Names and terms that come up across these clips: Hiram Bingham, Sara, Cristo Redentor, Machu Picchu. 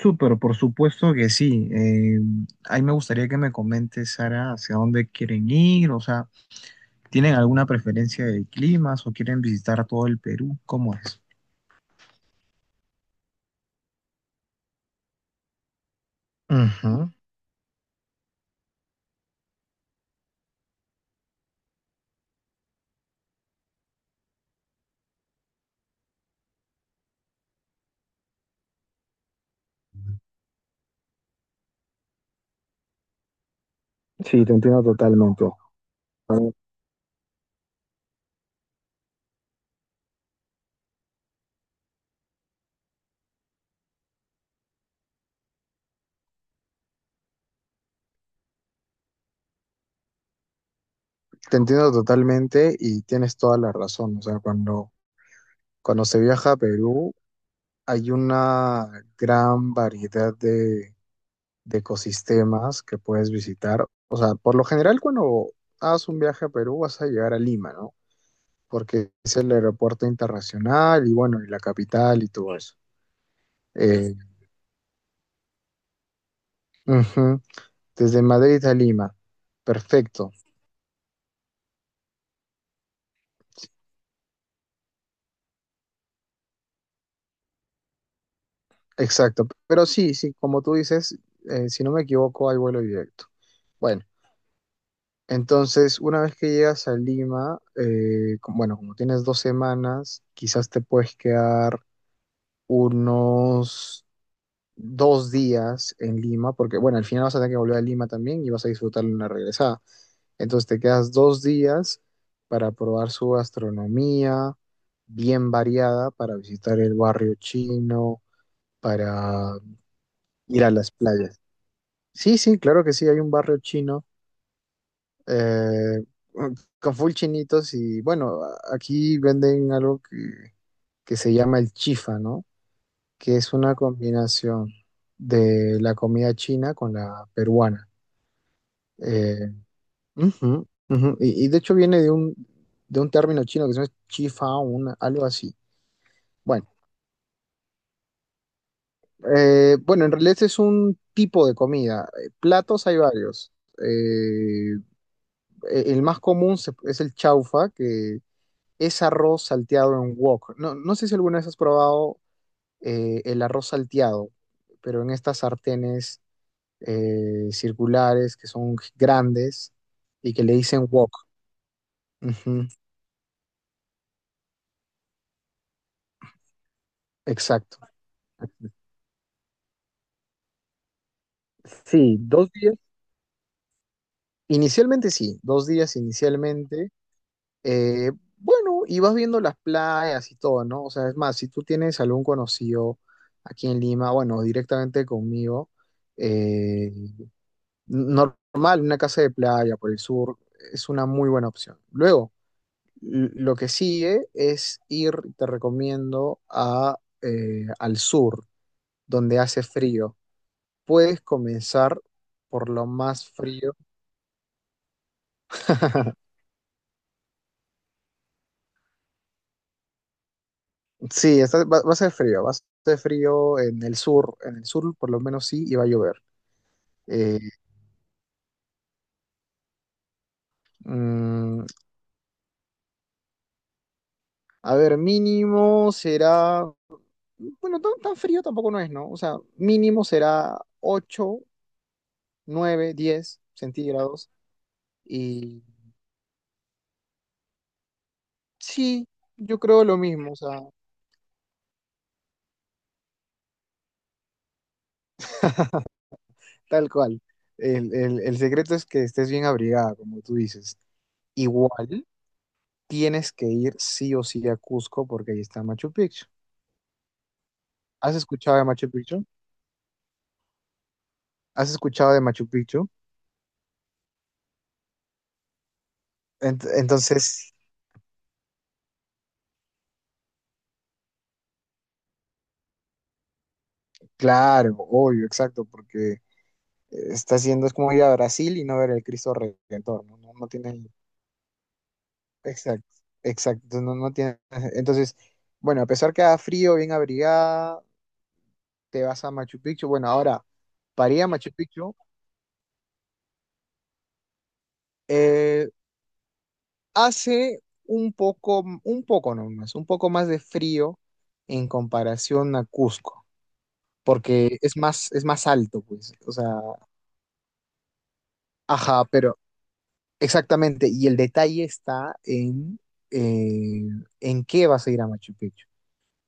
Súper, por supuesto que sí. Ahí me gustaría que me comentes, Sara, hacia dónde quieren ir, o sea, ¿tienen alguna preferencia de climas o quieren visitar todo el Perú? ¿Cómo es? Ujú. Sí, te entiendo totalmente. Eh, Te entiendo totalmente y tienes toda la razón. O sea, cuando se viaja a Perú hay una gran variedad de ecosistemas que puedes visitar. O sea, por lo general cuando haces un viaje a Perú vas a llegar a Lima, ¿no? Porque es el aeropuerto internacional y bueno, y la capital y todo eso. Eh, Ujú. Desde Madrid a Lima. Perfecto, exacto. Pero sí, sí, como tú dices, si no me equivoco, hay vuelo directo. Bueno, entonces, una vez que llegas a Lima, bueno, como tienes 2 semanas, quizás te puedes quedar unos 2 días en Lima, porque bueno, al final vas a tener que volver a Lima también y vas a disfrutar una regresada. Entonces te quedas 2 días para probar su gastronomía bien variada, para visitar el barrio chino, para ir a las playas. Sí, sí, claro que sí, hay un barrio chino eh, con full chinitos y bueno, aquí venden algo que se llama el chifa, ¿no? Que es una combinación de la comida china con la peruana. Eh, Ujú, ujú. Y de hecho viene de un término chino que se llama chifao, algo así. Bueno, bueno, en realidad este es un tipo de comida. Platos hay varios. Eh, el más común es el chaufa, que es arroz salteado en wok. No, no sé si alguna vez has probado el arroz salteado, pero en estas sartenes circulares que son grandes y que le dicen wok. Ujú, exacto. Sí, 2 días. Inicialmente sí, 2 días inicialmente. Eh, bueno, y vas viendo las playas y todo, ¿no? O sea, es más, si tú tienes algún conocido aquí en Lima, bueno, directamente conmigo, eh, n- normal, una casa de playa por el sur es una muy buena opción. Luego, lo que sigue es ir, te recomiendo, al sur, donde hace frío. Puedes comenzar por lo más frío. Sí, va a ser frío, va a ser frío en el sur por lo menos sí, y va a llover. Eh, mm, a ver, mínimo será, bueno, tan, tan frío tampoco no es, ¿no? O sea, mínimo será 8, 9, 10 centígrados y sí, yo creo lo mismo, o sea, tal cual. El secreto es que estés bien abrigada, como tú dices. Igual tienes que ir sí o sí a Cusco porque ahí está Machu Picchu. ¿Has escuchado de Machu Picchu? ¿Has escuchado de Machu Picchu? Entonces, claro, obvio, exacto, porque está haciendo, es como ir a Brasil y no ver el Cristo Redentor, no, no, no tiene, exacto, exacto, no, no tiene, entonces, bueno, a pesar que haga frío, bien abrigada, te vas a Machu Picchu, bueno, ahora, para ir a Machu Picchu, eh, hace un poco nomás, un poco más de frío en comparación a Cusco, porque es más alto, pues, o sea, ajá, pero exactamente, y el detalle está eh, en qué vas a ir a Machu Picchu,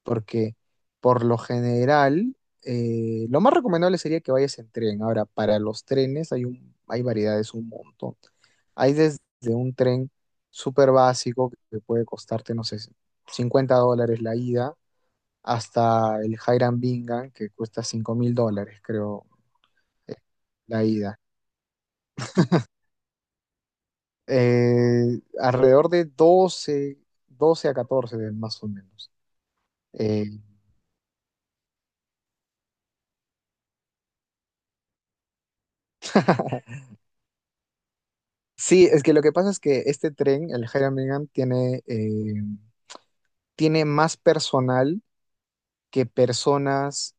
porque por lo general lo más recomendable sería que vayas en tren. Ahora, para los trenes hay variedades un montón. Hay desde un tren súper básico que puede costarte, no sé, $50 la ida, hasta el Hiram Bingham que cuesta $5.000, creo, eh, la ida. Alrededor de doce a 14 más o menos. Eh, sí, es que lo que pasa es que este tren, el Hiram Bingham, tiene más personal que personas,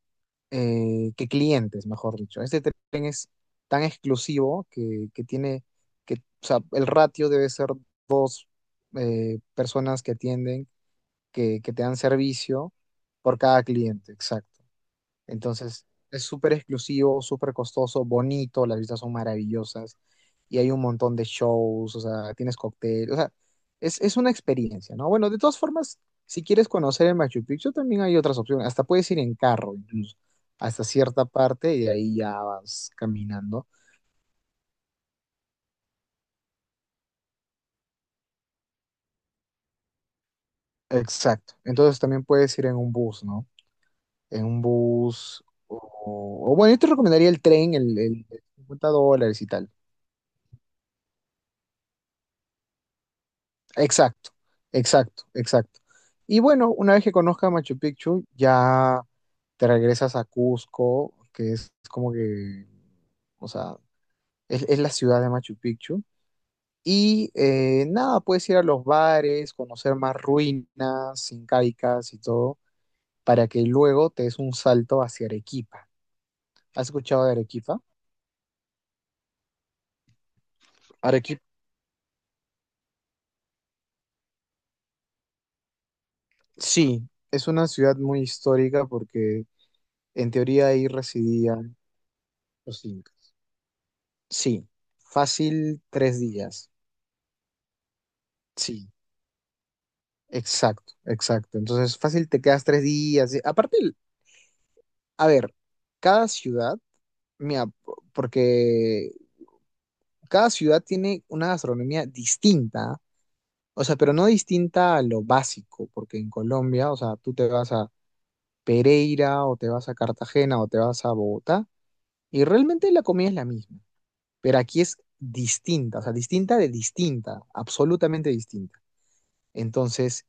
que clientes, mejor dicho. Este tren es tan exclusivo que tiene, o sea, el ratio debe ser dos personas que atienden, que te dan servicio por cada cliente, exacto. Entonces, es súper exclusivo, súper costoso, bonito, las vistas son maravillosas y hay un montón de shows, o sea, tienes cóctel, o sea, es una experiencia, ¿no? Bueno, de todas formas, si quieres conocer el Machu Picchu, también hay otras opciones, hasta puedes ir en carro incluso, hasta cierta parte y de ahí ya vas caminando. Exacto, entonces también puedes ir en un bus, ¿no? En un bus, o bueno, yo te recomendaría el tren, el $50 y tal. Exacto, exacto, exacto. Y bueno, una vez que conozcas Machu Picchu, ya te regresas a Cusco, que es como que, o sea, es la ciudad de Machu Picchu. Y nada, puedes ir a los bares, conocer más ruinas incaicas y todo, para que luego te des un salto hacia Arequipa. ¿Has escuchado de Arequipa? Arequipa. Sí, es una ciudad muy histórica porque en teoría ahí residían los incas. Sí, fácil 3 días. Sí, exacto, exacto. Entonces, fácil te quedas 3 días. Y aparte, a ver, cada ciudad, mira, porque cada ciudad tiene una gastronomía distinta, o sea, pero no distinta a lo básico, porque en Colombia, o sea, tú te vas a Pereira o te vas a Cartagena o te vas a Bogotá y realmente la comida es la misma, pero aquí es distinta, o sea, distinta de distinta, absolutamente distinta. Entonces,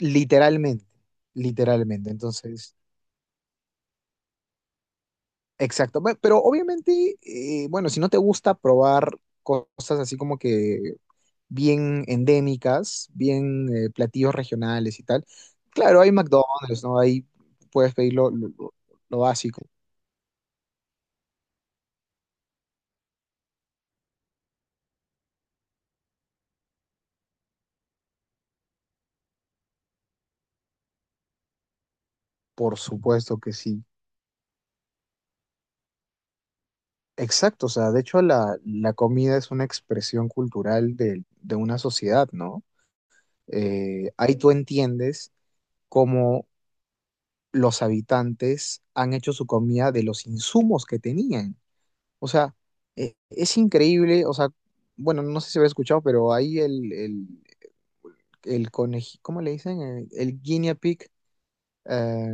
literalmente, literalmente. Entonces, exacto. Pero obviamente, bueno, si no te gusta probar cosas así como que bien endémicas, bien platillos regionales y tal, claro, hay McDonald's, ¿no? Ahí puedes pedir lo básico. Por supuesto que sí. Exacto, o sea, de hecho la comida es una expresión cultural de una sociedad, ¿no? Ahí tú entiendes cómo los habitantes han hecho su comida de los insumos que tenían. O sea, es increíble, o sea, bueno, no sé si habéis escuchado, pero ahí ¿cómo le dicen? El guinea pig, eh,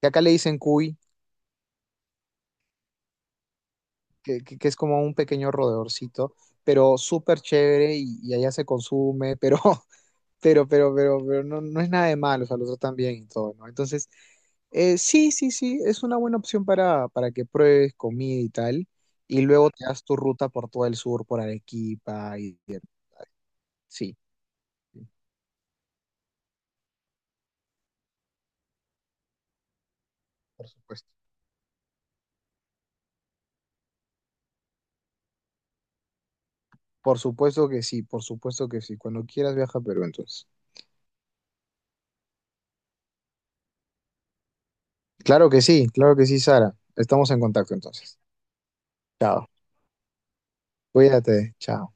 que acá le dicen cuy, que es como un pequeño rodeorcito, pero súper chévere y, allá se consume, pero, pero no, no es nada de malo, o sea, lo tratan bien y todo, ¿no? Entonces, sí, sí, sí, es una buena opción para que pruebes comida y tal, y luego te das tu ruta por todo el sur, por Arequipa sí, sí, por supuesto. Por supuesto que sí, por supuesto que sí. Cuando quieras viaja a Perú, entonces. Claro que sí, Sara. Estamos en contacto entonces. Chao. Cuídate, chao.